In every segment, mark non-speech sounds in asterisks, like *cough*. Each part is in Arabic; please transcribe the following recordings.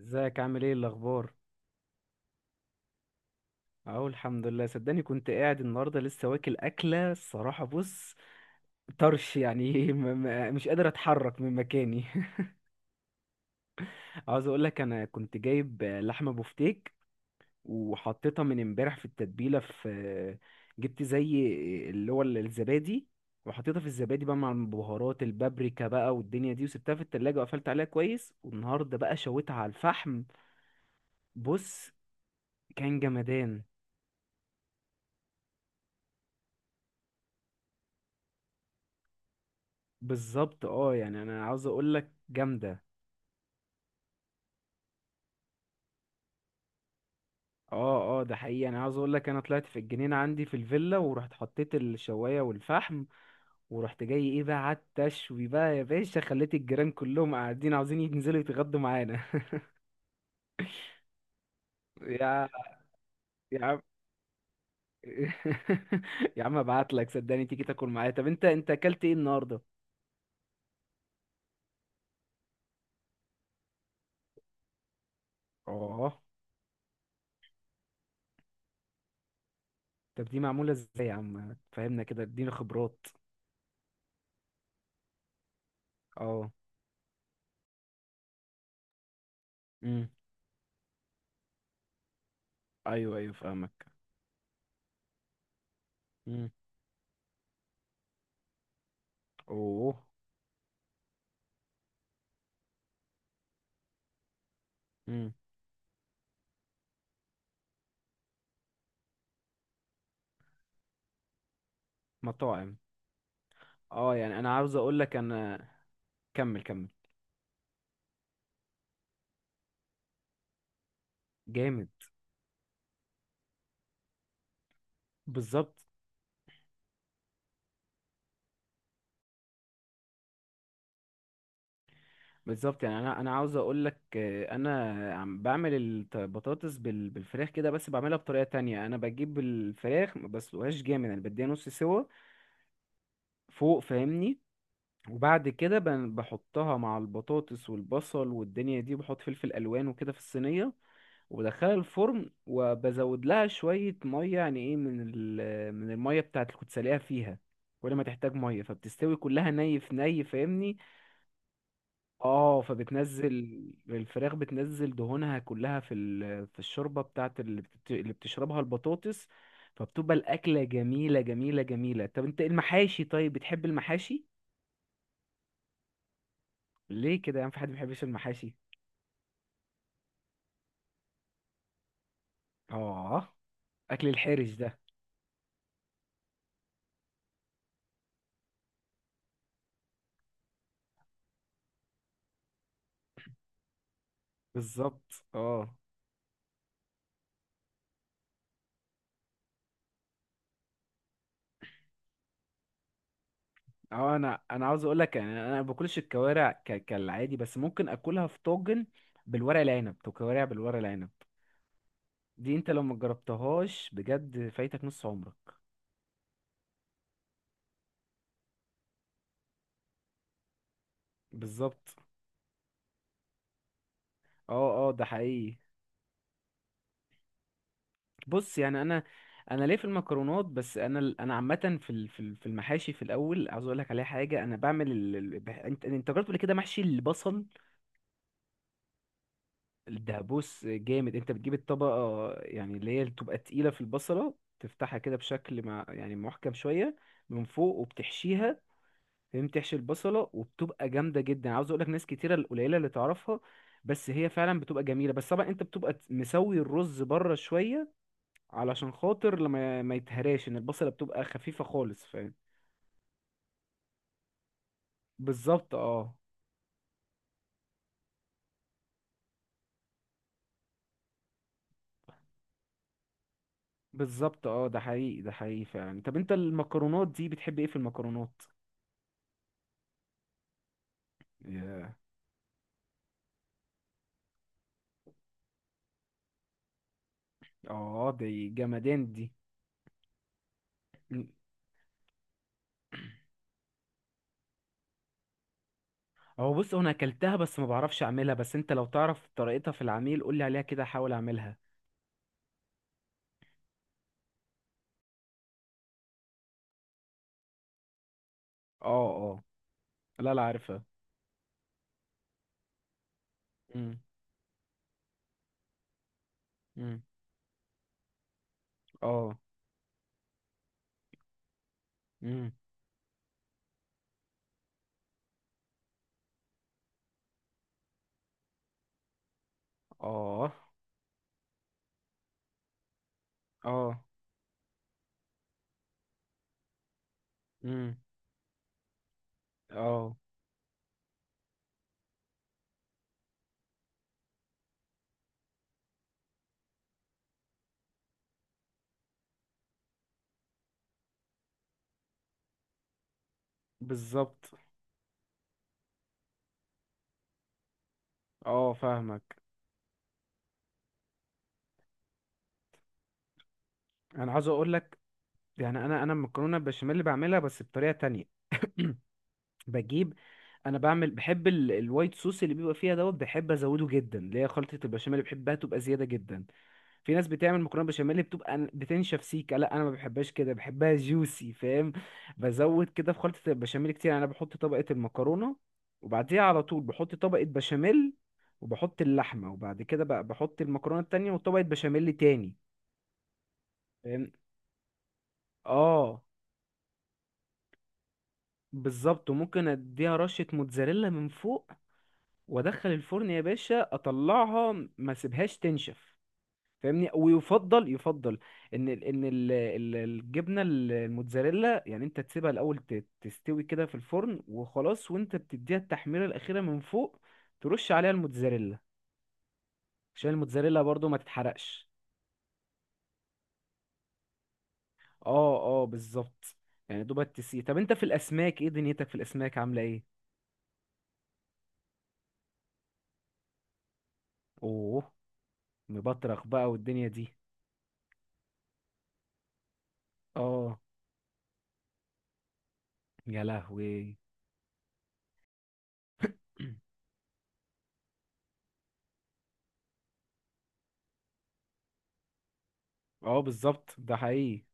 ازيك، عامل ايه الاخبار؟ اهو الحمد لله. صدقني كنت قاعد النهارده لسه واكل اكله. الصراحه بص، طرش يعني. *laughs* مش قادر اتحرك من مكاني. *laughs* عاوز اقول لك، انا كنت جايب لحمه بفتيك، وحطيتها من امبارح في التتبيله، جبت زي اللي هو الزبادي، وحطيتها في الزبادي بقى مع البهارات، البابريكا بقى والدنيا دي، وسبتها في التلاجة وقفلت عليها كويس. والنهارده بقى شويتها على الفحم. بص كان جمدان. بالظبط، اه، يعني انا عاوز اقول لك جامده. اه، اه، ده حقيقي. انا عاوز اقول لك، انا طلعت في الجنينه عندي في الفيلا ورحت حطيت الشوايه والفحم، ورحت جاي ايه بقى، قعدت اشوي بقى يا باشا، خليت الجيران كلهم قاعدين عاوزين ينزلوا يتغدوا معانا. *laughs* يا يا عم، *laughs* يا عم، ابعت لك صدقني تيجي تاكل معايا. طب انت اكلت ايه النهارده؟ اه. طب دي معموله ازاي يا عم؟ فهمنا كده، اديني خبرات. اه. امم. ايوه، ايوه فاهمك. امم. اوه. امم. مطاعم. اه، يعني انا عاوز اقول لك انا. كمل كمل. جامد. بالظبط، بالظبط. يعني انا عاوز اقول لك، انا عم بعمل البطاطس بالفراخ كده، بس بعملها بطريقه تانية. انا بجيب الفراخ ما بسلقهاش جامد، انا بديها نص سوا فوق فاهمني. وبعد كده بحطها مع البطاطس والبصل والدنيا دي، بحط فلفل الوان وكده في الصينيه، وبدخلها الفرن وبزود لها شوية مية، يعني ايه، من من المية بتاعت اللي كنت سالقها فيها. كل ما تحتاج مية فبتستوي كلها ني في ني، فاهمني. اه، فبتنزل الفراخ، بتنزل دهونها كلها في في الشوربة بتاعت اللي بتشربها البطاطس، فبتبقى الأكلة جميلة جميلة جميلة. طب انت المحاشي، طيب بتحب المحاشي؟ ليه كده يعني؟ في حد ما بيحبش المحاشي؟ اه. أكل الحرش ده. بالظبط. اه، اه، انا عاوز اقول لك، يعني انا ما باكلش الكوارع كالعادي، بس ممكن اكلها في طاجن بالورق العنب، تو كوارع بالورق العنب. دي انت لو ما جربتهاش بجد فايتك نص عمرك. بالظبط، اه، اه، ده حقيقي. بص، يعني انا ليه في المكرونات. بس انا عامه في في المحاشي في الاول، عاوز اقول لك عليها حاجه. انا بعمل انت جربت قبل كده محشي البصل؟ ده بص جامد. انت بتجيب الطبقة يعني، اللي هي بتبقى تقيلة في البصلة، تفتحها كده بشكل مع يعني محكم شوية من فوق وبتحشيها، فاهم؟ تحشي البصلة وبتبقى جامدة جدا. عاوز اقولك ناس كتيرة، القليلة اللي تعرفها، بس هي فعلا بتبقى جميلة. بس طبعا انت بتبقى مسوي الرز بره شوية، علشان خاطر لما ما يتهراش، ان البصلة بتبقى خفيفة خالص، فاهم؟ بالظبط، اه. بالظبط، اه، ده حقيقي، ده حقيقي فعلا. طب انت المكرونات دي بتحب ايه في المكرونات؟ اه، دي جمدان دي. م. هو بص، هو انا اكلتها بس ما بعرفش اعملها. بس انت لو تعرف طريقتها في العميل قول لي عليها كده، احاول اعملها. اه، اه. لا، لا عارفها. امم. امم. اه. امم. اه، اه. امم. اه، بالظبط، اه فاهمك. انا عاوز اقول لك، يعني انا المكرونه البشاميل اللي بعملها بس بطريقه تانية. *clears throat* بجيب، انا بعمل، بحب الوايت صوص اللي بيبقى فيها دوت، بحب ازوده جدا، اللي هي خلطه البشاميل اللي بحبها تبقى زياده جدا. في ناس بتعمل مكرونه بشاميل بتبقى بتنشف سيكه، لا انا ما بحبهاش كده، بحبها جوسي فاهم. بزود كده في خلطه البشاميل كتير، يعني انا بحط طبقه المكرونه، وبعديها على طول بحط طبقه بشاميل، وبحط اللحمه، وبعد كده بقى بحط المكرونه التانية وطبقه بشاميل تاني، فاهم؟ اه، بالظبط، وممكن اديها رشه موتزاريلا من فوق وادخل الفرن يا باشا، اطلعها ما اسيبهاش تنشف فاهمني. ويفضل يفضل ان الجبنه الموتزاريلا، يعني انت تسيبها الاول تستوي كده في الفرن وخلاص، وانت بتديها التحميره الاخيره من فوق، ترش عليها الموتزاريلا عشان الموتزاريلا برضو ما تتحرقش. اه، اه، بالظبط، يعني دوبك تسيب. طب انت في الاسماك ايه؟ دنيتك في الاسماك عامله ايه؟ اوه. مبطرخ بقى والدنيا دي. اه، يا لهوي. *clears throat* اه، بالظبط، ده حقيقي،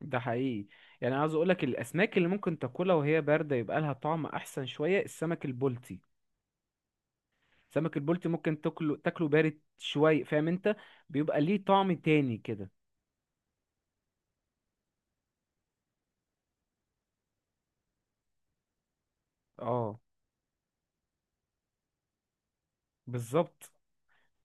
ده حقيقي. يعني عاوز اقولك الاسماك اللي ممكن تاكلها وهي بارده يبقى لها طعم احسن شويه، السمك البلطي. السمك البلطي ممكن تاكله بارد شويه، فاهم انت؟ بيبقى ليه طعم تاني كده. اه، بالظبط.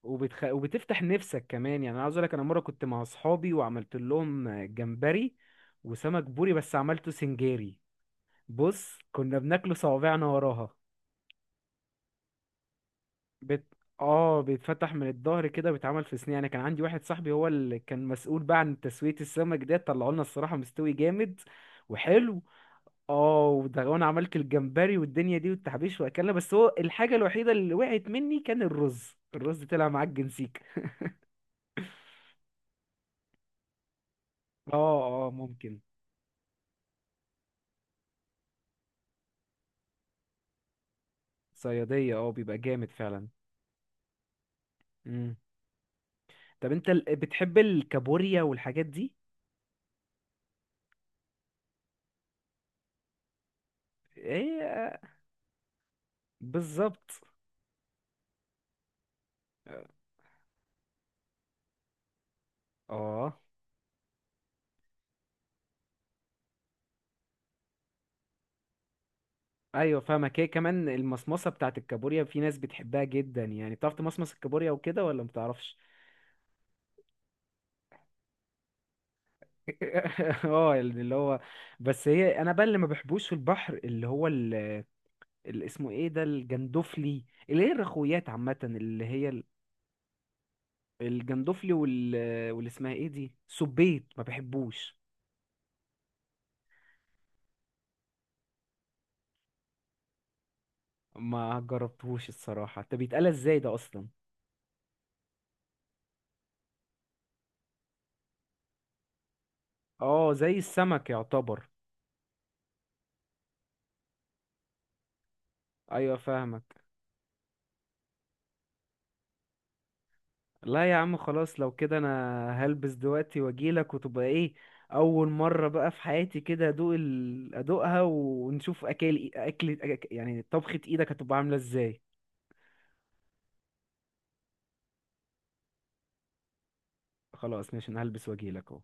وبتفتح نفسك كمان. يعني انا عاوز اقولك، انا مره كنت مع اصحابي وعملت لهم جمبري وسمك بوري، بس عملته سنجاري، بص كنا بناكله صوابعنا وراها. بت... اه، بيتفتح من الظهر كده، بيتعمل في صينية يعني. كان عندي واحد صاحبي هو اللي كان مسؤول بقى عن تسوية السمك ده، طلعوا لنا الصراحة مستوي جامد وحلو. اه، وده، وانا عملت الجمبري والدنيا دي والتحبيش واكلنا. بس هو الحاجة الوحيدة اللي وقعت مني كان الرز. الرز طلع معجن سيك. اه، اه، ممكن. صيادية، اه، بيبقى جامد فعلا. مم. طب انت بتحب الكابوريا والحاجات دي؟ ايه، آه، بالظبط، اه، آه. ايوه فاهمك. هي كمان المصمصه بتاعت الكابوريا في ناس بتحبها جدا، يعني بتعرف تمصمص الكابوريا وكده ولا ما بتعرفش؟ *laughs* اه، يعني اللي هو. بس هي انا بقى اللي ما بحبوش في البحر، اللي هو اللي اسمه ايه ده، الجندفلي، اللي هي الرخويات عامه، اللي هي الجندفلي واللي اسمها ايه دي، سبيط، ما بحبوش. ما جربتهوش الصراحه. طب بيتقال ازاي ده اصلا؟ اه، زي السمك يعتبر. ايوه فاهمك. لا يا عم خلاص، لو كده انا هلبس دلوقتي واجيلك، وتبقى ايه، اول مره بقى في حياتي كده ادوق ادوقها، ونشوف اكل، اكل، يعني طبخه ايدك هتبقى عامله ازاي. خلاص ماشي، انا هلبس واجيلك اهو.